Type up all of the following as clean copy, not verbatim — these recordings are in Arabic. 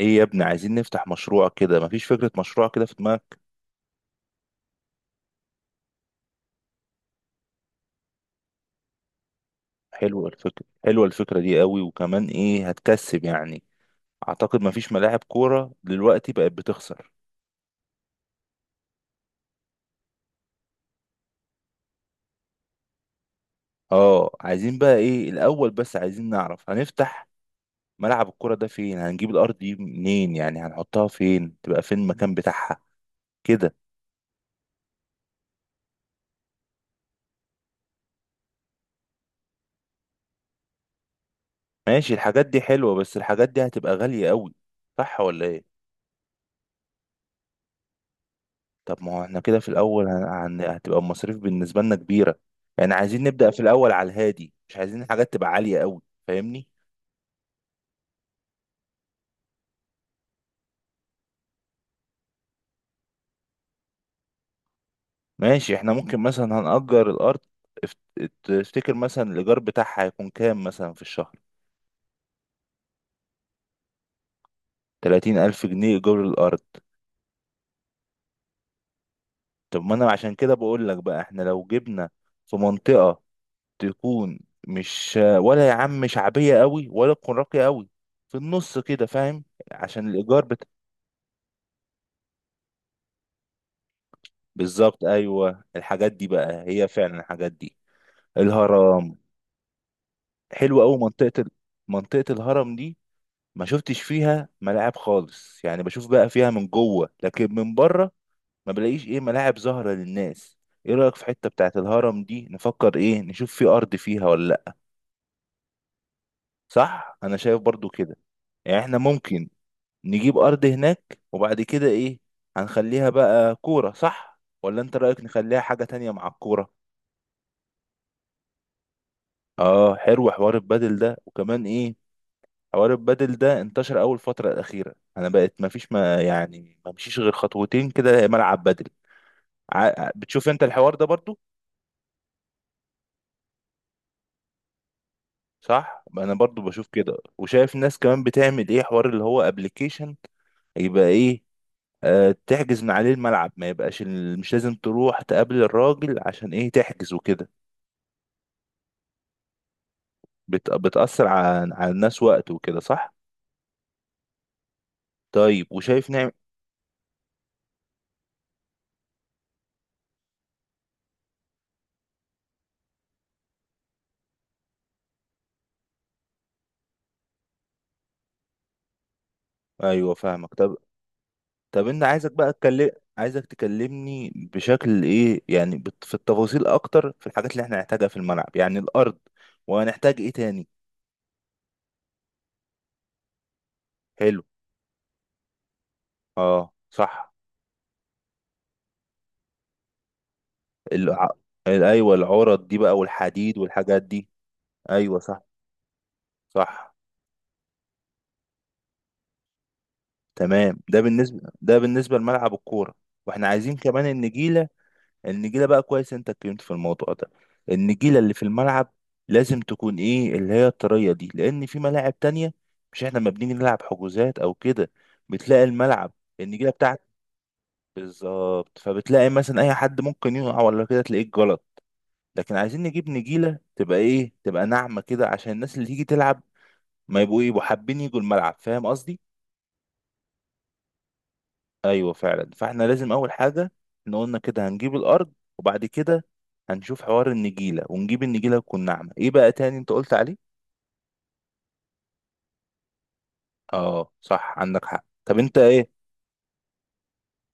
ايه يا ابني، عايزين نفتح مشروع كده. مفيش فكرة مشروع كده في دماغك؟ حلوة الفكرة، حلوة الفكرة دي قوي، وكمان ايه هتكسب يعني. اعتقد مفيش ملاعب كورة دلوقتي بقت بتخسر. اه، عايزين بقى ايه الاول، بس عايزين نعرف هنفتح ملعب الكورة ده فين، هنجيب الارض دي منين، يعني هنحطها فين، تبقى فين المكان بتاعها كده. ماشي، الحاجات دي حلوة بس الحاجات دي هتبقى غالية قوي، صح ولا ايه؟ طب ما هو احنا كده في الاول هتبقى المصاريف بالنسبه لنا كبيره. يعني عايزين نبدا في الاول على الهادي، مش عايزين حاجات تبقى عاليه قوي. فاهمني؟ ماشي، احنا ممكن مثلا هنأجر الارض. تفتكر مثلا الايجار بتاعها هيكون كام مثلا في الشهر؟ 30000 ألف جنيه ايجار الارض؟ طب ما انا عشان كده بقول لك بقى احنا لو جبنا في منطقه تكون، مش ولا يا عم شعبيه قوي ولا تكون راقيه قوي، في النص كده فاهم، عشان الايجار. بالظبط، ايوه الحاجات دي بقى هي فعلا الحاجات دي. الهرم. حلوه قوي منطقه الهرم دي. ما شفتش فيها ملاعب خالص، يعني بشوف بقى فيها من جوه لكن من بره ما بلاقيش ايه ملاعب ظاهره للناس. ايه رايك في حته بتاعه الهرم دي، نفكر ايه، نشوف في ارض فيها ولا لا؟ صح، انا شايف برضو كده. يعني احنا ممكن نجيب ارض هناك، وبعد كده ايه، هنخليها بقى كوره، صح ولا انت رايك نخليها حاجه تانية مع الكوره؟ اه، حلو حوار البادل ده، وكمان ايه، حوار البادل ده انتشر اول فترة الأخيرة، انا بقت ما فيش ما يعني ما مشيش غير خطوتين كده ملعب بادل. بتشوف انت الحوار ده برضو؟ صح، انا برضو بشوف كده، وشايف ناس كمان بتعمل ايه حوار اللي هو ابلكيشن، يبقى ايه، آه تحجز من عليه الملعب، ما يبقاش مش لازم تروح تقابل الراجل عشان ايه تحجز وكده. بتأثر على الناس وقت وكده، صح. طيب، وشايف، نعم. ايوه فاهمك. طب، انت عايزك بقى اتكلم. عايزك تكلمني بشكل ايه، يعني في التفاصيل اكتر، في الحاجات اللي احنا هنحتاجها في الملعب، يعني الارض، وهنحتاج ايه تاني؟ حلو. اه صح. الع... ايوه العرض دي بقى، والحديد والحاجات دي. ايوه صح. صح. تمام، ده بالنسبه لملعب الكوره. واحنا عايزين كمان النجيله. النجيله بقى، كويس انت اتكلمت في الموضوع ده. النجيله اللي في الملعب لازم تكون ايه، اللي هي الطريه دي، لان في ملاعب تانية مش احنا ما بنيجي نلعب حجوزات او كده، بتلاقي الملعب، النجيله بتاعت، بالظبط، فبتلاقي مثلا اي حد ممكن يقع ولا كده، تلاقيه غلط. لكن عايزين نجيب نجيله تبقى ايه، تبقى ناعمه كده عشان الناس اللي تيجي تلعب ما يبقوا ايه، يبقوا حابين يجوا الملعب. فاهم قصدي؟ ايوه فعلا، فاحنا لازم اول حاجه، احنا قلنا كده هنجيب الارض، وبعد كده هنشوف حوار النجيله، ونجيب النجيله تكون ناعمه. ايه بقى تاني انت قلت عليه؟ اه صح، عندك حق. طب انت ايه،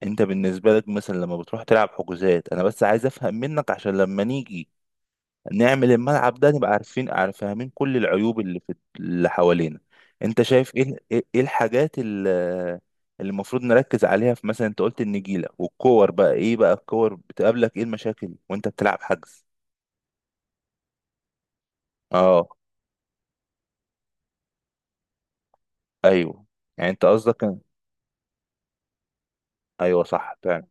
انت بالنسبه لك مثلا لما بتروح تلعب حجوزات، انا بس عايز افهم منك عشان لما نيجي نعمل الملعب ده نبقى عارفين، فاهمين كل العيوب اللي في اللي حوالينا. انت شايف ايه ايه إيه الحاجات اللي المفروض نركز عليها؟ في مثلا انت قلت النجيلة والكور، بقى ايه بقى الكور، بتقابلك ايه المشاكل وانت بتلعب حجز؟ اه. ايوه، يعني انت قصدك ايوه صح فعلا.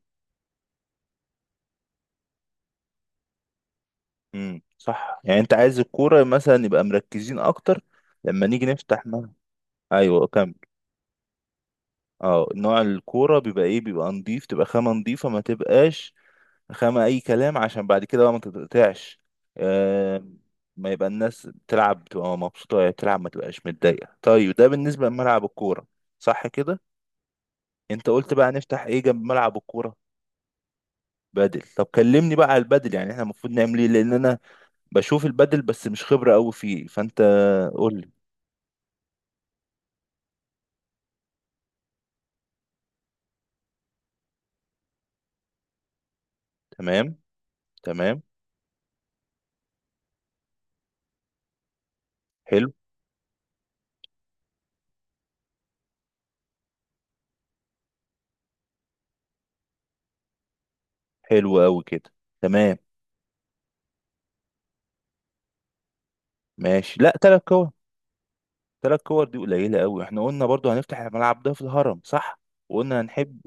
صح، يعني انت عايز الكورة مثلا نبقى مركزين اكتر لما نيجي نفتح ملعب. ايوه كمل. اه، نوع الكورة بيبقى ايه، بيبقى نضيف، تبقى خامة نضيفة، ما تبقاش خامة أي كلام، عشان بعد كده بقى ما تتقطعش. آه، ما يبقى الناس بتلعب بتبقى مبسوطة وهي بتلعب، ما تبقاش متضايقة. طيب، ده بالنسبة لملعب الكورة، صح كده؟ أنت قلت بقى نفتح إيه جنب ملعب الكورة؟ بدل. طب كلمني بقى على البدل، يعني احنا المفروض نعمل ايه؟ لأن أنا بشوف البدل بس مش خبرة أوي فيه، فأنت قول لي. تمام. تمام. حلو. حلو أوي كده. تمام. ماشي، لا تلات كور؟ تلات كور دي قليلة أوي، احنا قلنا برضو هنفتح الملعب ده في الهرم، صح، وقلنا هنحب.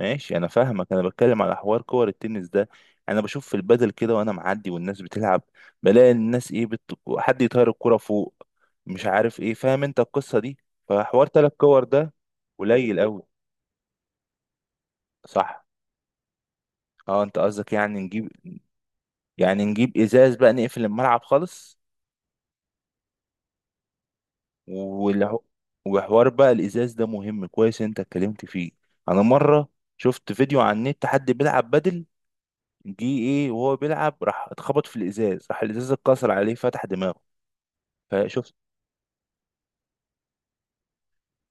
ماشي، انا فاهمك، انا بتكلم على حوار كور التنس ده. انا بشوف في البدل كده وانا معدي والناس بتلعب، بلاقي الناس ايه حد يطير الكرة فوق، مش عارف ايه، فاهم انت القصة دي؟ فحوار تلات كور ده قليل قوي. صح. اه، انت قصدك يعني نجيب، يعني نجيب ازاز بقى نقفل الملعب خالص؟ والح... وحوار بقى الازاز ده مهم، كويس انت اتكلمت فيه. انا مرة شفت فيديو على النت، حد بيلعب بدل، جه ايه وهو بيلعب، راح اتخبط في الازاز، راح الازاز اتكسر عليه، فتح دماغه. فشفت.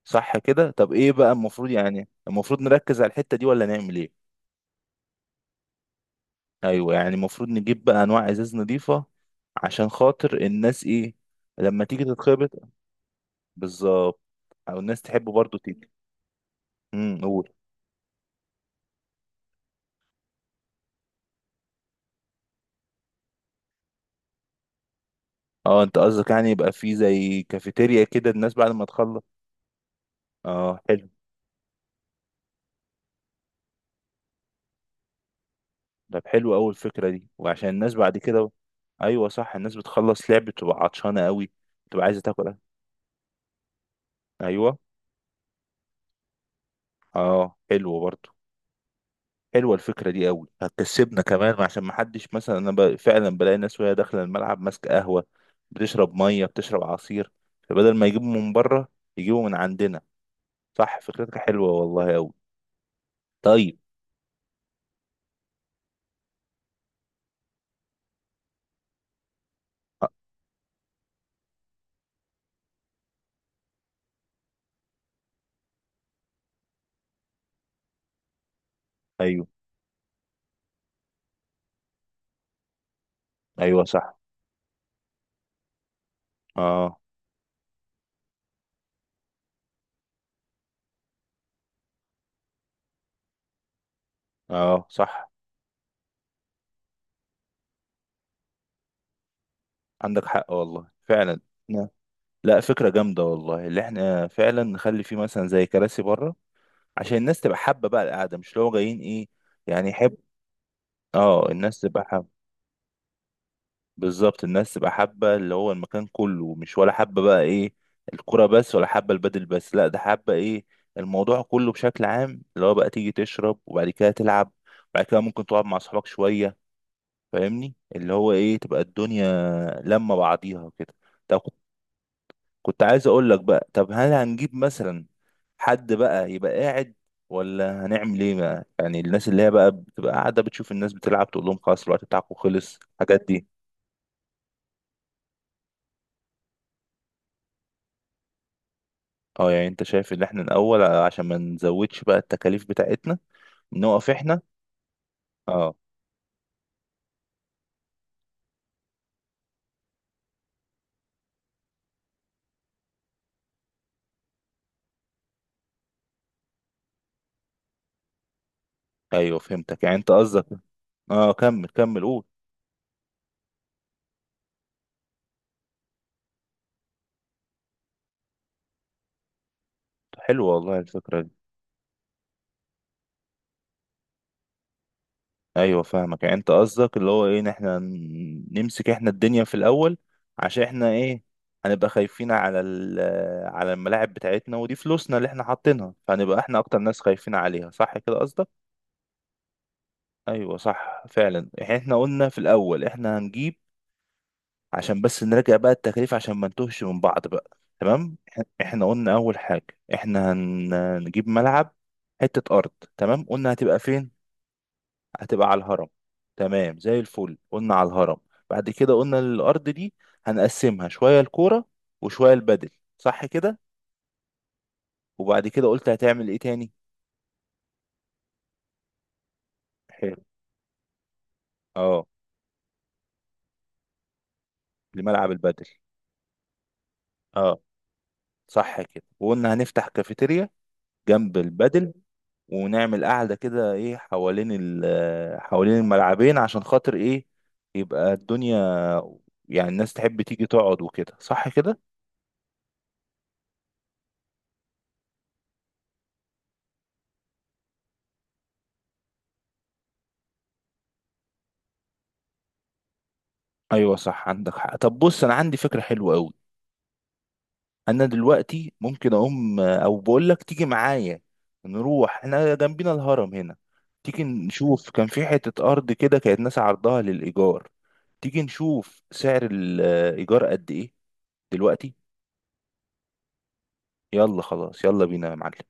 صح كده. طب ايه بقى المفروض، يعني المفروض نركز على الحتة دي ولا نعمل ايه؟ ايوه، يعني المفروض نجيب بقى انواع ازاز نظيفة عشان خاطر الناس ايه، لما تيجي تتخبط. بالظبط. او الناس تحب برضو تيجي. قول. اه انت قصدك يعني يبقى في زي كافيتيريا كده الناس بعد ما تخلص. اه حلو. طب حلو أوي الفكرة دي، وعشان الناس بعد كده. أيوة صح، الناس بتخلص لعب بتبقى عطشانة أوي، بتبقى عايزة تاكل. أيوة. أه حلوة برضه. حلوة الفكرة دي أوي، هتكسبنا كمان عشان محدش، مثلا أنا فعلا بلاقي ناس وهي داخلة الملعب ماسكة قهوة، بتشرب مية، بتشرب عصير. فبدل ما يجيبوا من بره يجيبوا من عندنا. صح، فكرتك حلوة والله أوي. طيب. أ- أيوة. أيوة صح. أه. أه صح، عندك حق والله فعلا. لا فكرة جامدة والله، اللي احنا فعلا نخلي فيه مثلا زي كراسي بره عشان الناس تبقى حابة بقى القعدة، مش اللي هو جايين ايه، يعني يحب. اه، الناس تبقى حابة. بالظبط، الناس تبقى حابة اللي هو المكان كله، مش ولا حابة بقى ايه الكرة بس، ولا حابة البدل بس، لا ده حابة ايه الموضوع كله بشكل عام، اللي هو بقى تيجي تشرب وبعد كده تلعب، وبعد كده ممكن تقعد مع اصحابك شوية. فاهمني اللي هو ايه، تبقى الدنيا لما بعضيها كده. طب، كنت عايز اقول لك بقى، طب هل هنجيب مثلا حد بقى يبقى قاعد، ولا هنعمل ايه بقى، يعني الناس اللي هي بقى بتبقى قاعده بتشوف الناس بتلعب، تقول لهم خلاص الوقت بتاعكم خلص، الحاجات دي. اه، يعني انت شايف ان احنا الاول عشان ما نزودش بقى التكاليف بتاعتنا، نقف احنا. اه. ايوه فهمتك، يعني انت قصدك. اه كمل كمل قول. حلو والله الفكره دي. ايوه فاهمك، يعني انت قصدك اللي هو ايه، ان احنا نمسك احنا الدنيا في الاول عشان احنا ايه، هنبقى خايفين على على الملاعب بتاعتنا، ودي فلوسنا اللي احنا حاطينها، فهنبقى احنا اكتر ناس خايفين عليها، صح كده قصدك؟ ايوه صح فعلا. يعني احنا قلنا في الاول احنا هنجيب، عشان بس نراجع بقى التكاليف عشان ما نتوهش من بعض بقى. تمام، احنا قلنا اول حاجه، احنا هنجيب ملعب، حته ارض. تمام. قلنا هتبقى فين، هتبقى على الهرم. تمام زي الفل، قلنا على الهرم. بعد كده قلنا الأرض دي هنقسمها شوية الكورة وشوية البدل، صح كده؟ وبعد كده قلت هتعمل ايه تاني؟ حلو. اه. لملعب البدل. اه صح كده، وقلنا هنفتح كافيتيريا جنب البدل، ونعمل قاعدة كده ايه حوالين حوالين الملعبين، عشان خاطر ايه، يبقى الدنيا، يعني الناس تحب تيجي تقعد وكده، صح كده. ايوه صح، عندك حق. طب بص انا عندي فكرة حلوة قوي. انا دلوقتي ممكن اقوم، او بقول لك تيجي معايا نروح احنا جنبنا الهرم هنا، تيجي نشوف كان في حتة ارض كده كانت ناس عرضها للايجار، تيجي نشوف سعر الايجار قد ايه دلوقتي. يلا خلاص، يلا بينا يا معلم.